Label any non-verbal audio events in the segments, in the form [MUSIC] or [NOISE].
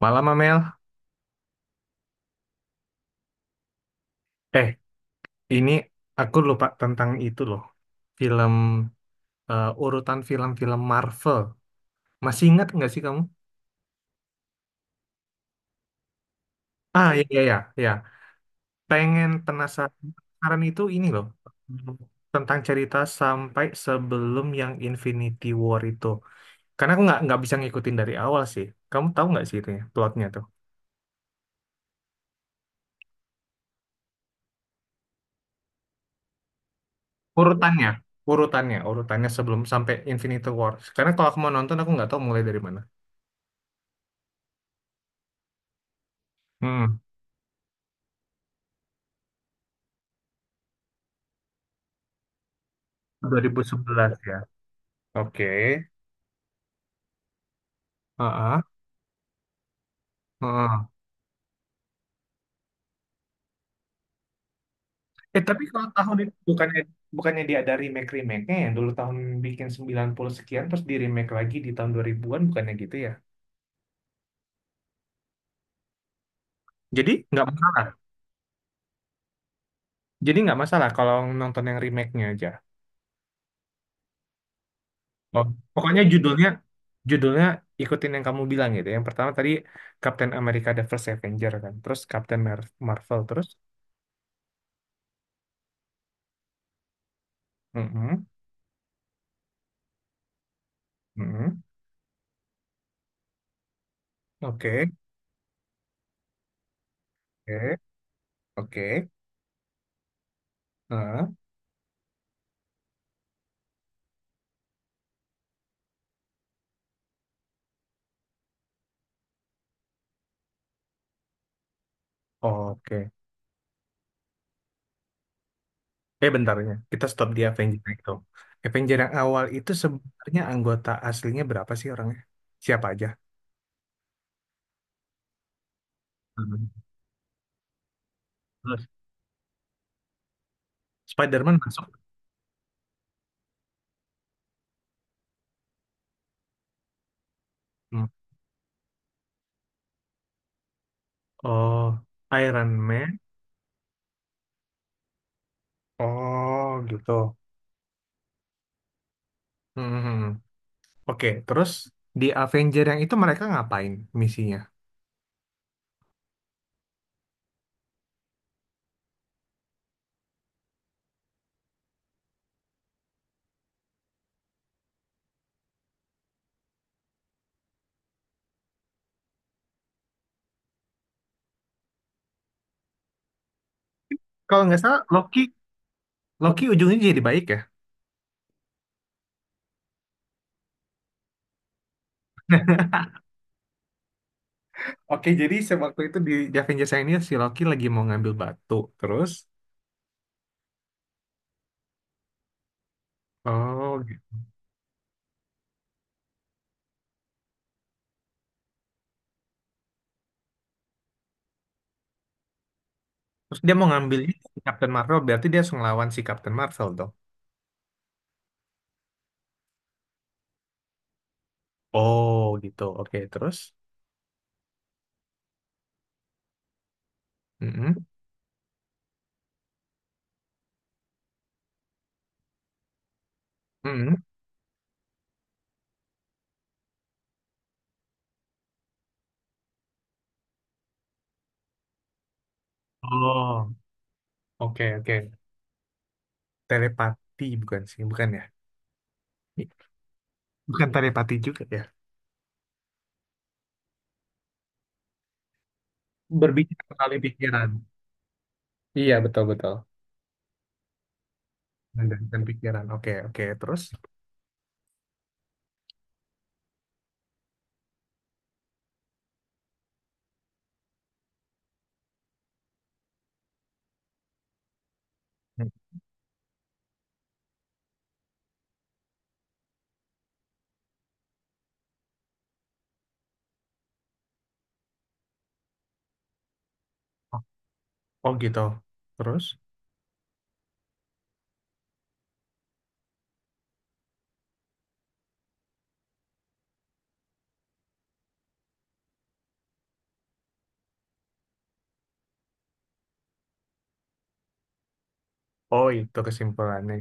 Malam, Amel. Eh, ini aku lupa tentang itu loh. Film, urutan film-film Marvel. Masih ingat nggak sih kamu? Ah, iya, iya, iya. Iya. Pengen penasaran. Penasaran itu ini loh. Tentang cerita sampai sebelum yang Infinity War itu. Karena aku nggak bisa ngikutin dari awal sih. Kamu tahu nggak sih itunya, plotnya tuh? Urutannya. Urutannya, urutannya sebelum sampai Infinity War. Karena kalau aku mau nonton, aku nggak tahu mulai dari mana. Hmm, 2011 ya. Oke. Heeh, heeh. Tapi kalau tahun itu bukannya bukannya dia ada remake remake-nya ya dulu tahun bikin 90 sekian terus di remake lagi di tahun 2000-an bukannya gitu ya. Jadi nggak masalah. Jadi nggak masalah kalau nonton yang remake-nya aja. Oh, pokoknya judulnya judulnya ikutin yang kamu bilang gitu. Yang pertama tadi Captain America The First Avenger kan. Terus Captain Marvel terus. Mm-mm, mm-mm. Oke, oke, oke. Heeh, oke. Bentarnya, kita stop di Avenger yang itu. Avenger yang awal itu sebenarnya anggota aslinya berapa sih orangnya? Siapa aja? Hmm. Terus Spider-Man masuk. Hmm. Oh, Iron Man. Oh, gitu. Hmm. Oke, terus di Avenger yang itu mereka ngapain misinya? Kalau nggak salah, Loki, Loki ujungnya jadi baik ya. Oke, jadi sewaktu itu di Avengers yang ini si Loki lagi mau ngambil batu, terus, oh, gitu. Terus dia mau ngambil ini, Captain Marvel, berarti dia harus ngelawan si Captain Marvel dong. Oh gitu. Oke, terus? Mm-mm, mm-mm. Oh, oke oke. Telepati bukan sih, bukan ya? Bukan telepati juga ya. Berbicara melalui pikiran. Iya betul betul. Menggantikan pikiran. Oke oke. Terus? Mm. Oh, oh gitu. Terus? Oh itu kesimpulannya.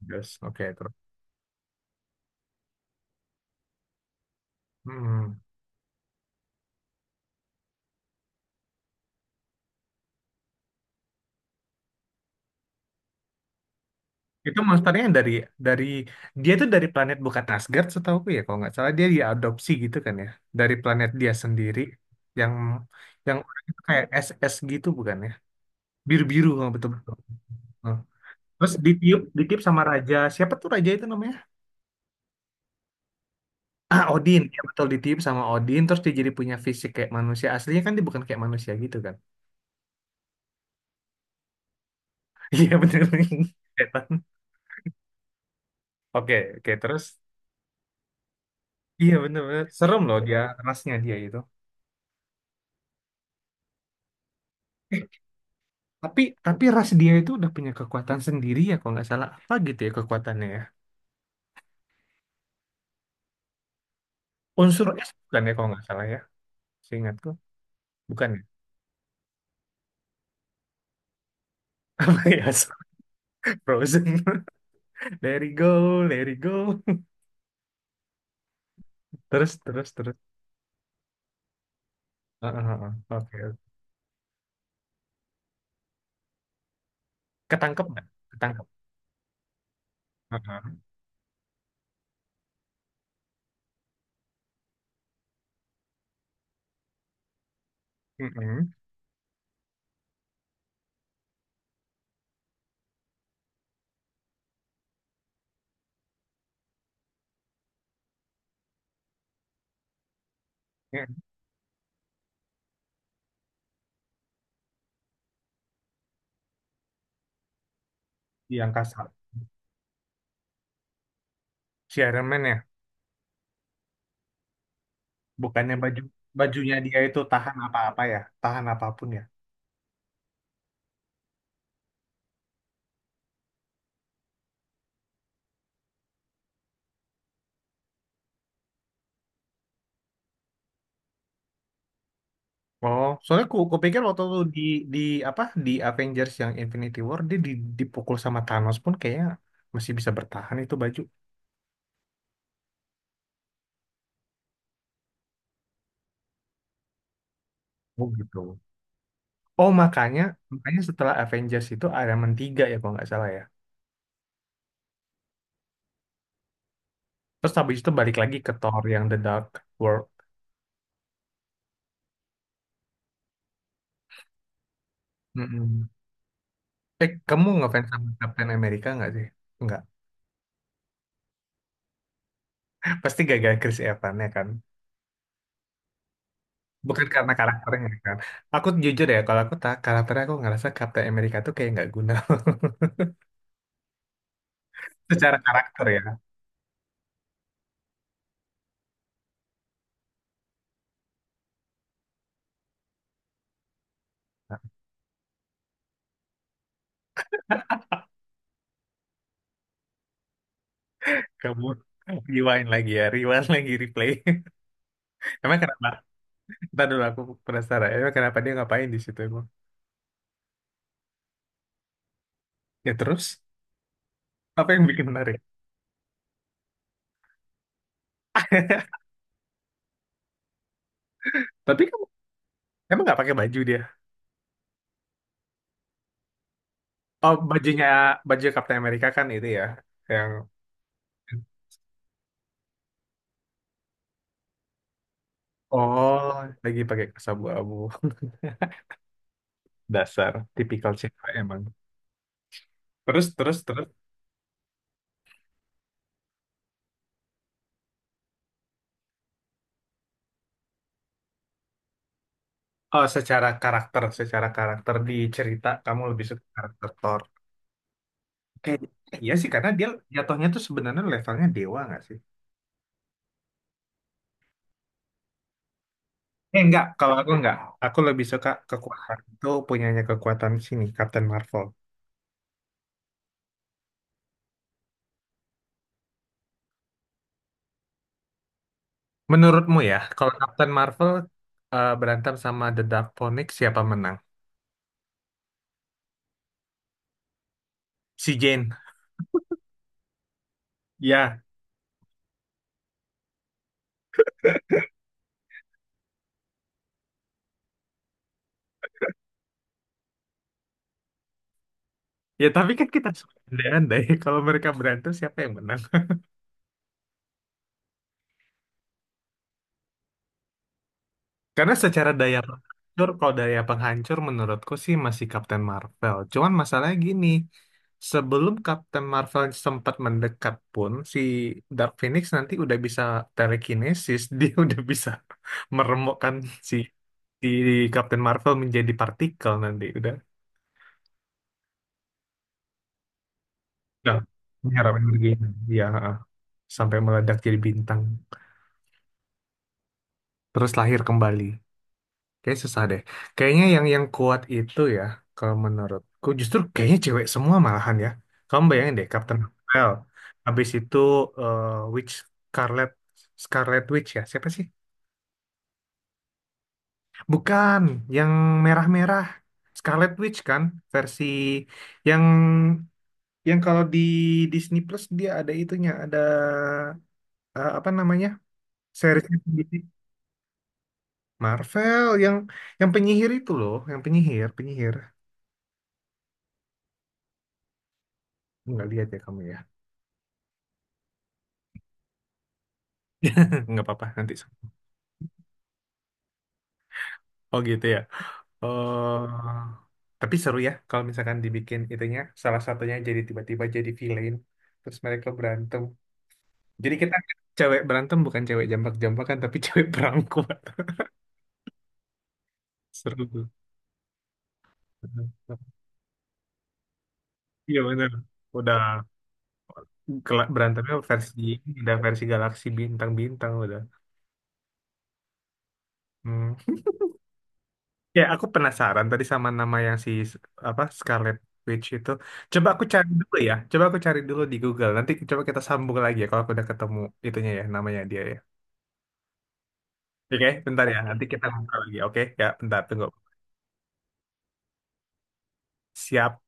Terus. Oke terus. Hmm. Itu monsternya yang dari dia tuh dari planet bukan Asgard setahuku ya kalau nggak salah dia diadopsi gitu kan ya dari planet dia sendiri yang orang itu kayak SS gitu bukan ya biru-biru nggak betul-betul. Nah, terus ditiup ditiup sama raja siapa tuh raja itu namanya? [CLEARS THROAT] Ah Odin ya betul ditiup sama Odin terus dia jadi punya fisik kayak manusia aslinya kan dia bukan kayak manusia gitu kan? [LAUGHS] Iya bener [LAUGHS] Setan. Oke oke terus iya bener-bener serem loh dia rasnya dia itu. [LAUGHS] Tapi ras dia itu udah punya kekuatan sendiri ya kalau nggak salah apa gitu ya kekuatannya ya. Unsur es bukan ya kalau nggak salah ya. Seingatku bukan ya. [LAUGHS] Ya sorry, Frozen. [LAUGHS] Let it go, let it go. [LAUGHS] Terus terus terus. Ah, ah, ah. Oke. Ketangkep nggak? Ketangkep. Ah, ah. Mm-mm. Mm. Di angkasa. Si Iron Man ya. Bukannya bajunya dia itu tahan apa-apa ya. Tahan apapun ya. Oh, soalnya ku pikir waktu lu di apa di Avengers yang Infinity War dia dipukul sama Thanos pun kayaknya masih bisa bertahan itu baju. Oh gitu. Oh makanya makanya setelah Avengers itu Iron Man 3 ya kalau nggak salah ya. Terus habis itu balik lagi ke Thor yang The Dark World. Mm-mm. Eh, kamu ngefans sama Captain America nggak sih? Nggak. Pasti gara-gara Chris Evans ya kan. Bukan karena karakternya kan. Aku jujur ya kalau aku tak karakternya aku ngerasa Captain America tuh kayak nggak guna [LAUGHS] secara karakter ya. Kamu rewind lagi ya, rewind lagi, replay. [LAUGHS] Emang kenapa? Ntar dulu aku penasaran. Emang kenapa dia ngapain di situ emang? Ya terus, apa yang bikin menarik? [LAUGHS] Tapi kamu emang nggak pakai baju dia? Oh, baju Captain America kan itu ya, yang oh lagi pakai kaos abu-abu. [LAUGHS] Dasar, tipikal cewek emang. Terus, terus, terus. Oh, secara karakter di cerita kamu lebih suka karakter Thor. Kayak, iya sih, karena dia jatuhnya tuh sebenarnya levelnya dewa nggak sih? Eh, enggak, kalau aku enggak. Aku lebih suka kekuatan itu punyanya kekuatan sini, Captain Marvel. Menurutmu ya, kalau Captain Marvel berantem sama The Dark Phoenix, siapa menang? Si Jane. Ya, ya tapi kan kita suka andai-andai [LAUGHS] kalau mereka berantem siapa yang menang? Karena secara daya penghancur, kalau daya penghancur menurutku sih masih Captain Marvel. Cuman masalahnya gini, sebelum Captain Marvel sempat mendekat pun, si Dark Phoenix nanti udah bisa telekinesis, [LAUGHS] dia udah bisa meremukkan si, si Captain Marvel menjadi partikel nanti. Udah menyerap energi. Ya, sampai meledak jadi bintang. Terus lahir kembali. Kayak susah deh. Kayaknya yang kuat itu ya, kalau menurutku justru kayaknya cewek semua malahan ya. Kamu bayangin deh, Captain Marvel. Habis itu eh, Witch Scarlet Scarlet Witch ya. Siapa sih? Bukan, yang merah-merah. Scarlet Witch kan versi yang yang kalau di Disney Plus dia ada itunya, ada apa namanya? Seriesnya sendiri. Marvel yang penyihir itu loh, yang penyihir, penyihir. Nggak lihat ya kamu ya. [LAUGHS] Nggak apa-apa nanti. Oh gitu ya. Oh, tapi seru ya kalau misalkan dibikin itunya salah satunya jadi tiba-tiba jadi villain terus mereka berantem. Jadi kita cewek berantem bukan cewek jambak-jambakan tapi [LAUGHS] cewek perangkuat. Seru tuh. [LAUGHS] Iya benar. Udah berantemnya versi udah versi galaksi bintang-bintang udah. Hmm. Ya, aku penasaran tadi sama nama yang si apa Scarlet Witch itu. Coba aku cari dulu ya. Coba aku cari dulu di Google. Nanti coba kita sambung lagi ya kalau aku udah ketemu itunya ya namanya dia ya. Oke, bentar ya. Nanti kita ngobrol lagi. Oke, ya bentar tunggu. Siap.